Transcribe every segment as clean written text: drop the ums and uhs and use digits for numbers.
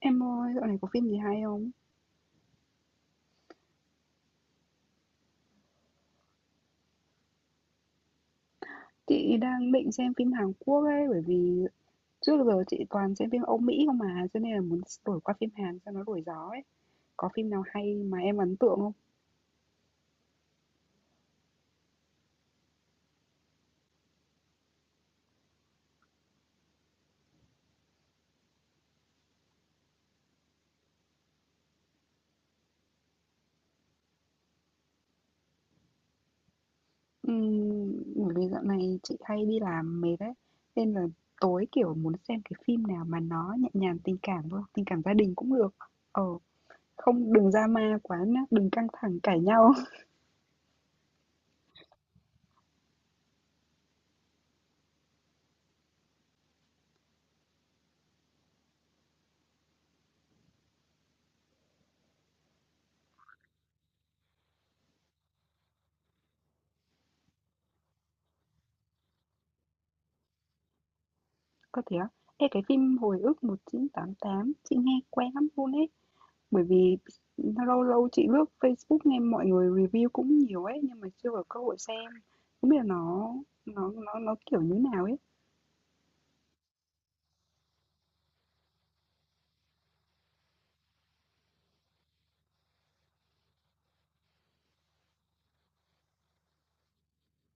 Em ơi, dạo này có phim gì hay không? Chị đang định xem phim Hàn Quốc ấy, bởi vì trước giờ chị toàn xem phim Âu Mỹ không mà, cho nên là muốn đổi qua phim Hàn cho nó đổi gió ấy. Có phim nào hay mà em ấn tượng không? Bởi vì dạo này chị hay đi làm mệt ấy, nên là tối kiểu muốn xem cái phim nào mà nó nhẹ nhàng tình cảm thôi, tình cảm gia đình cũng được. Ờ, không đừng drama quá nhá, đừng căng thẳng cãi nhau. Có thể á? Ê, cái phim Hồi ức 1988, chị nghe quen lắm luôn ấy. Bởi vì lâu lâu chị lướt Facebook nghe mọi người review cũng nhiều ấy, nhưng mà chưa có cơ hội xem, không biết là nó kiểu như nào ấy.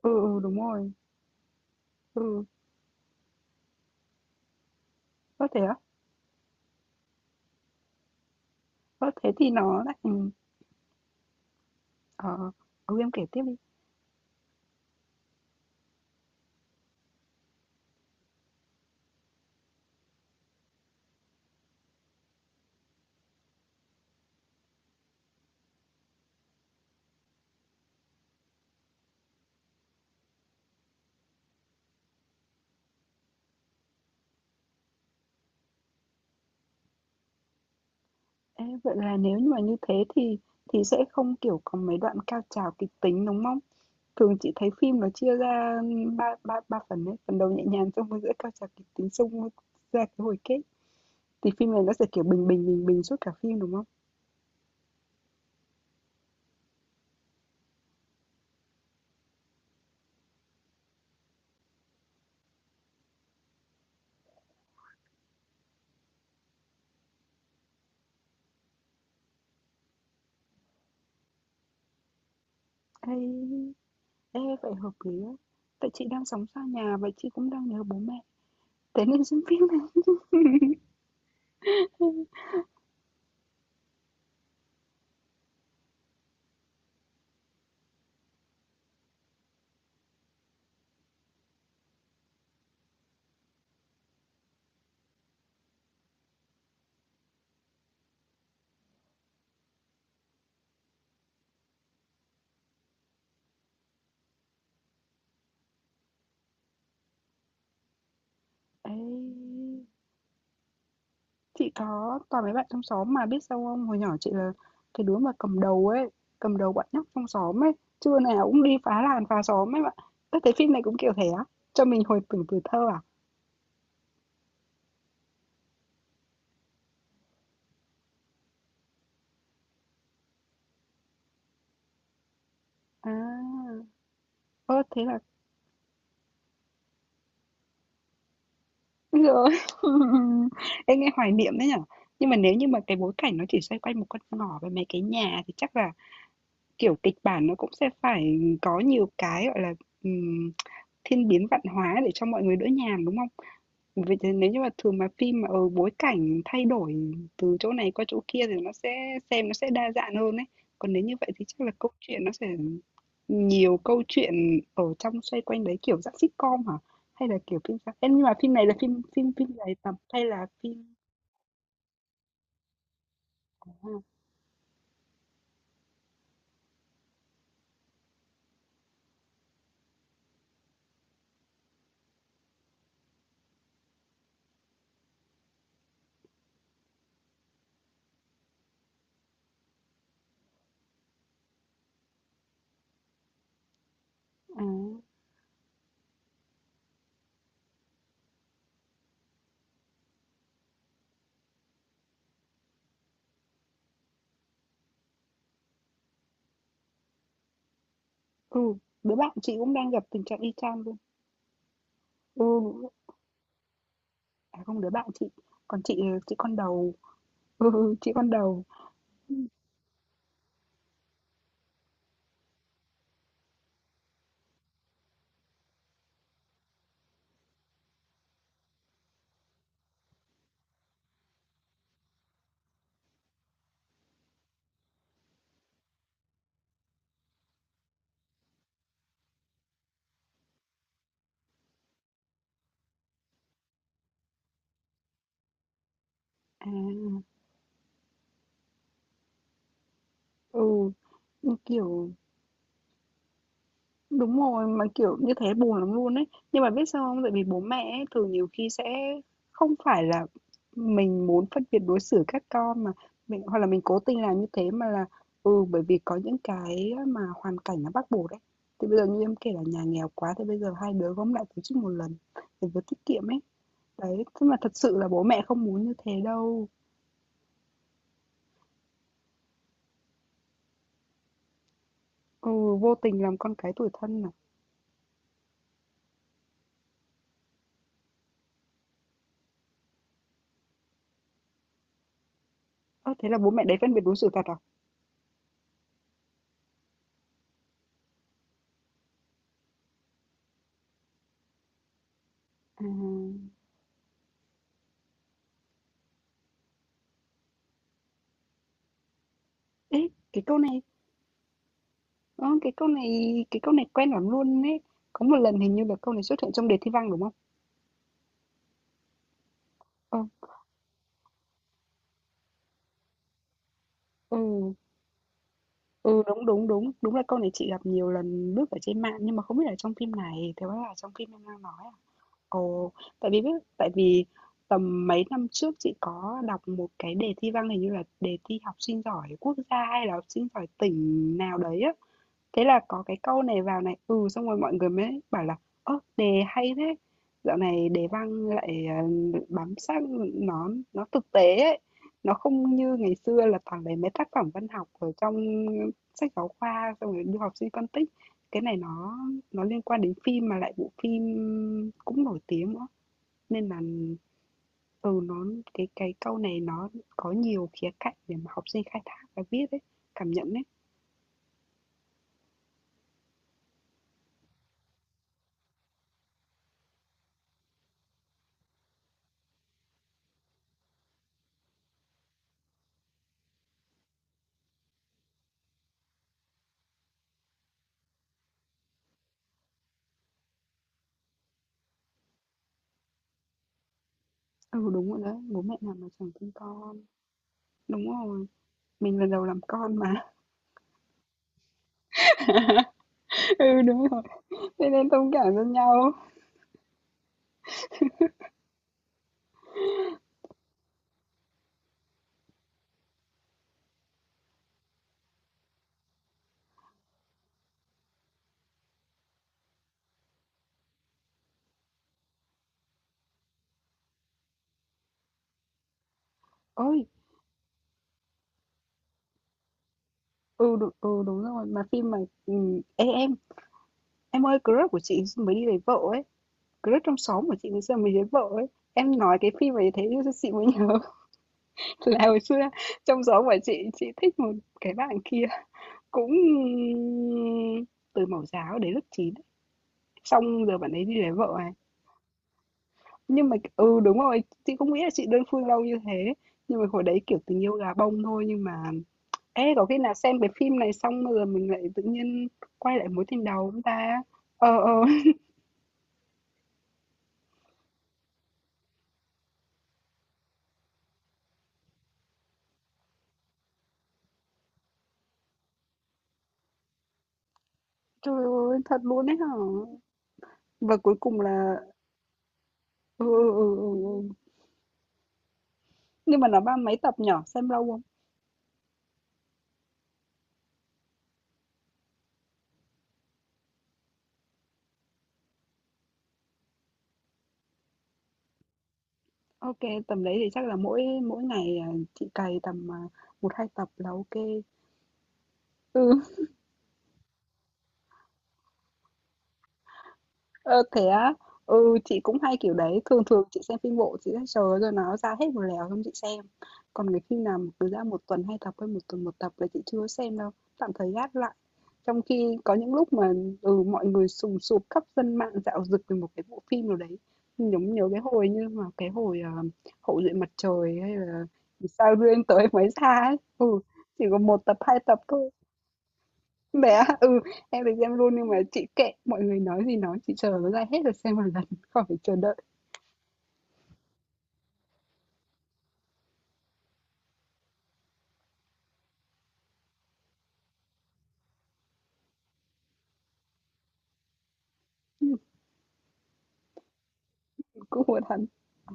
Ừ, ừ, đúng rồi. Ừ, có thể á. Có thế thì nó lại ờ, em kể tiếp đi. Ê, vậy là nếu như mà như thế thì sẽ không kiểu có mấy đoạn cao trào kịch tính đúng không? Thường chị thấy phim nó chia ra ba ba ba phần ấy, phần đầu nhẹ nhàng xong rồi giữa cao trào kịch tính xong rồi ra cái hồi kết. Thì phim này nó sẽ kiểu bình bình bình bình suốt cả phim đúng không? Ê, ê, vậy hợp lý á. Tại chị đang sống xa nhà và chị cũng đang nhớ bố mẹ. Thế nên xem phim này. Ê, chị có toàn mấy bạn trong xóm mà biết sao không? Hồi nhỏ chị là cái đứa mà cầm đầu ấy, cầm đầu bọn nhóc trong xóm ấy. Trưa nào cũng đi phá làng phá xóm ấy bạn. Ơ, cái phim này cũng kiểu thế á? Cho mình hồi tưởng tuổi thơ à? À, ơ thế là rồi. Em nghe hoài niệm đấy nhở? Nhưng mà nếu như mà cái bối cảnh nó chỉ xoay quanh một con ngõ với mấy cái nhà thì chắc là kiểu, kịch bản nó cũng sẽ phải có nhiều cái, gọi là, ừm, thiên biến vạn hóa để cho mọi người đỡ nhàm, đúng không? Vậy thì nếu như mà thường mà phim mà, ở bối cảnh thay đổi từ chỗ này qua chỗ kia thì nó sẽ xem nó sẽ đa dạng hơn đấy. Còn nếu như vậy thì chắc là câu chuyện nó sẽ nhiều câu chuyện ở trong xoay quanh đấy, kiểu dạng sitcom hả? Hay là kiểu phim sao? Ê, nhưng mà phim này là phim phim phim dài tập hay là phim? À, à, ừ, đứa bạn chị cũng đang gặp tình trạng y chang luôn. Ừ. À, không, đứa bạn chị, còn chị con đầu. Ừ, chị con đầu. À, ừ, kiểu đúng rồi, mà, kiểu, như thế buồn lắm luôn ấy. Nhưng mà biết sao không? Tại vì bố mẹ ấy thường nhiều khi sẽ không phải là mình muốn phân biệt đối xử các con mà mình hoặc là mình cố tình làm như thế mà là bởi vì có những cái mà hoàn cảnh nó bắt buộc đấy. Thì bây giờ như em kể là nhà nghèo quá thì bây giờ hai đứa gom lại tổ chức một lần để vừa tiết kiệm ấy. Đấy, tức mà thật sự là bố mẹ không muốn như thế đâu. Ừ, vô tình làm con cái tủi thân à? Ơ, thế là bố mẹ đấy phân biệt đối xử thật à? À, ê, cái câu này, cái câu này, cái câu này quen lắm luôn ấy. Có một lần hình như là câu này xuất hiện trong đề thi văn đúng không? Ờ, ừ, ừ, đúng, đúng, đúng. Đúng là câu này chị gặp nhiều lần lướt ở trên mạng nhưng mà không biết là trong phim này, thế là trong phim em đang nói à? Ồ, tại vì biết, tại vì tầm mấy năm trước chị có đọc một cái đề thi văn hình như là đề thi học sinh giỏi quốc gia hay là học sinh giỏi tỉnh nào đấy á. Thế là có cái câu này vào này, xong rồi mọi người mới bảo là "Ơ, đề hay thế, dạo này đề văn lại, bám sát nó thực tế ấy, nó không như ngày xưa là toàn lấy mấy tác phẩm văn học ở trong sách giáo khoa xong rồi đưa học sinh phân tích. Cái này nó liên quan đến phim mà lại bộ phim cũng nổi tiếng nữa." Nên là, ừ, nó cái câu này nó có nhiều khía cạnh để mà học sinh khai thác và viết ấy, cảm nhận ấy. Ừ, đúng rồi đó bố mẹ nào mà chẳng thương con. Đúng rồi, mình lần đầu làm con mà. Ừ, đúng rồi, thế nên thông cảm cho nhau. Ôi, ừ, ừ, đúng rồi, mà phim mà ê, em ơi, crush của chị mới đi lấy vợ ấy, crush trong xóm của chị ngày giờ mới lấy vợ ấy. Em nói cái phim ấy thế cho chị mới nhớ là hồi xưa trong xóm của chị thích một cái bạn kia cũng từ mẫu giáo đến lớp 9. Xong giờ bạn ấy đi lấy vợ này. Nhưng mà ừ, đúng rồi, chị không nghĩ là chị đơn phương lâu như thế. Nhưng mà hồi đấy kiểu tình yêu gà bông thôi nhưng mà, ê, có khi nào xem cái phim này xong rồi mình lại tự nhiên quay lại mối tình đầu chúng ta? Ờ, ờ. Trời ơi, thật luôn đấy hả? Và cuối cùng là... Ừ, ừ, ừ, ừ. Ừ. Nhưng mà nó ba mấy tập nhở? Xem lâu không? Ok, tầm đấy thì chắc là mỗi mỗi ngày à, chị cày tầm à, một hai tập là ok. Ừ. Ơ, thế á? Ừ, chị cũng hay kiểu đấy, thường thường chị xem phim bộ chị sẽ chờ rồi nó ra hết một lèo xong chị xem. Còn cái phim nào mà cứ ra một tuần hai tập hay một tuần một tập là chị chưa xem đâu, tạm thời gác lại. Trong khi có những lúc mà mọi người sùng sục khắp dân mạng dạo dực về một cái bộ phim nào đấy. Mình giống nhớ cái hồi Hậu duệ mặt trời hay là sao duyên tới mới ra ấy. Ừ, chỉ có một tập hai tập thôi bé á? Ừ, em được xem luôn nhưng mà chị kệ, mọi người nói gì nói, chị chờ nó ra hết rồi xem một lần, khỏi phải chờ đợi, cũng muốn hẳn. Ờ,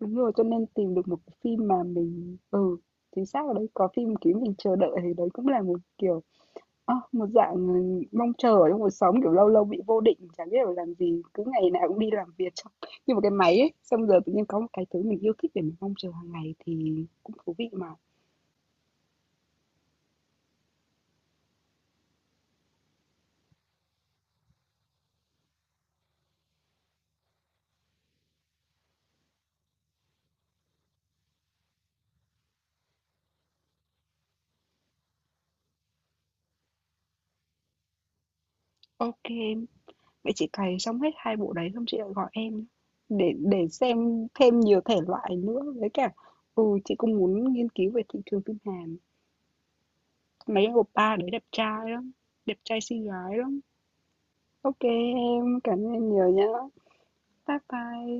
đúng rồi, cho nên tìm được một cái phim mà mình, chính xác ở đấy, có phim kiểu mình chờ đợi thì đấy cũng là một kiểu, à, một dạng mong chờ ở trong cuộc sống, kiểu lâu lâu bị vô định, chả biết phải làm gì, cứ ngày nào cũng đi làm việc xong. Như một cái máy ấy, xong giờ tự nhiên có một cái thứ mình yêu thích để mình mong chờ hàng ngày thì cũng thú vị mà. Ok. Vậy chị cày xong hết 2 bộ đấy xong chị lại gọi em để xem thêm nhiều thể loại nữa với cả chị cũng muốn nghiên cứu về thị trường phim Hàn. Mấy oppa đấy đẹp trai lắm, đẹp trai xinh gái lắm. Ok, em cảm ơn em nhiều nhá. Bye bye.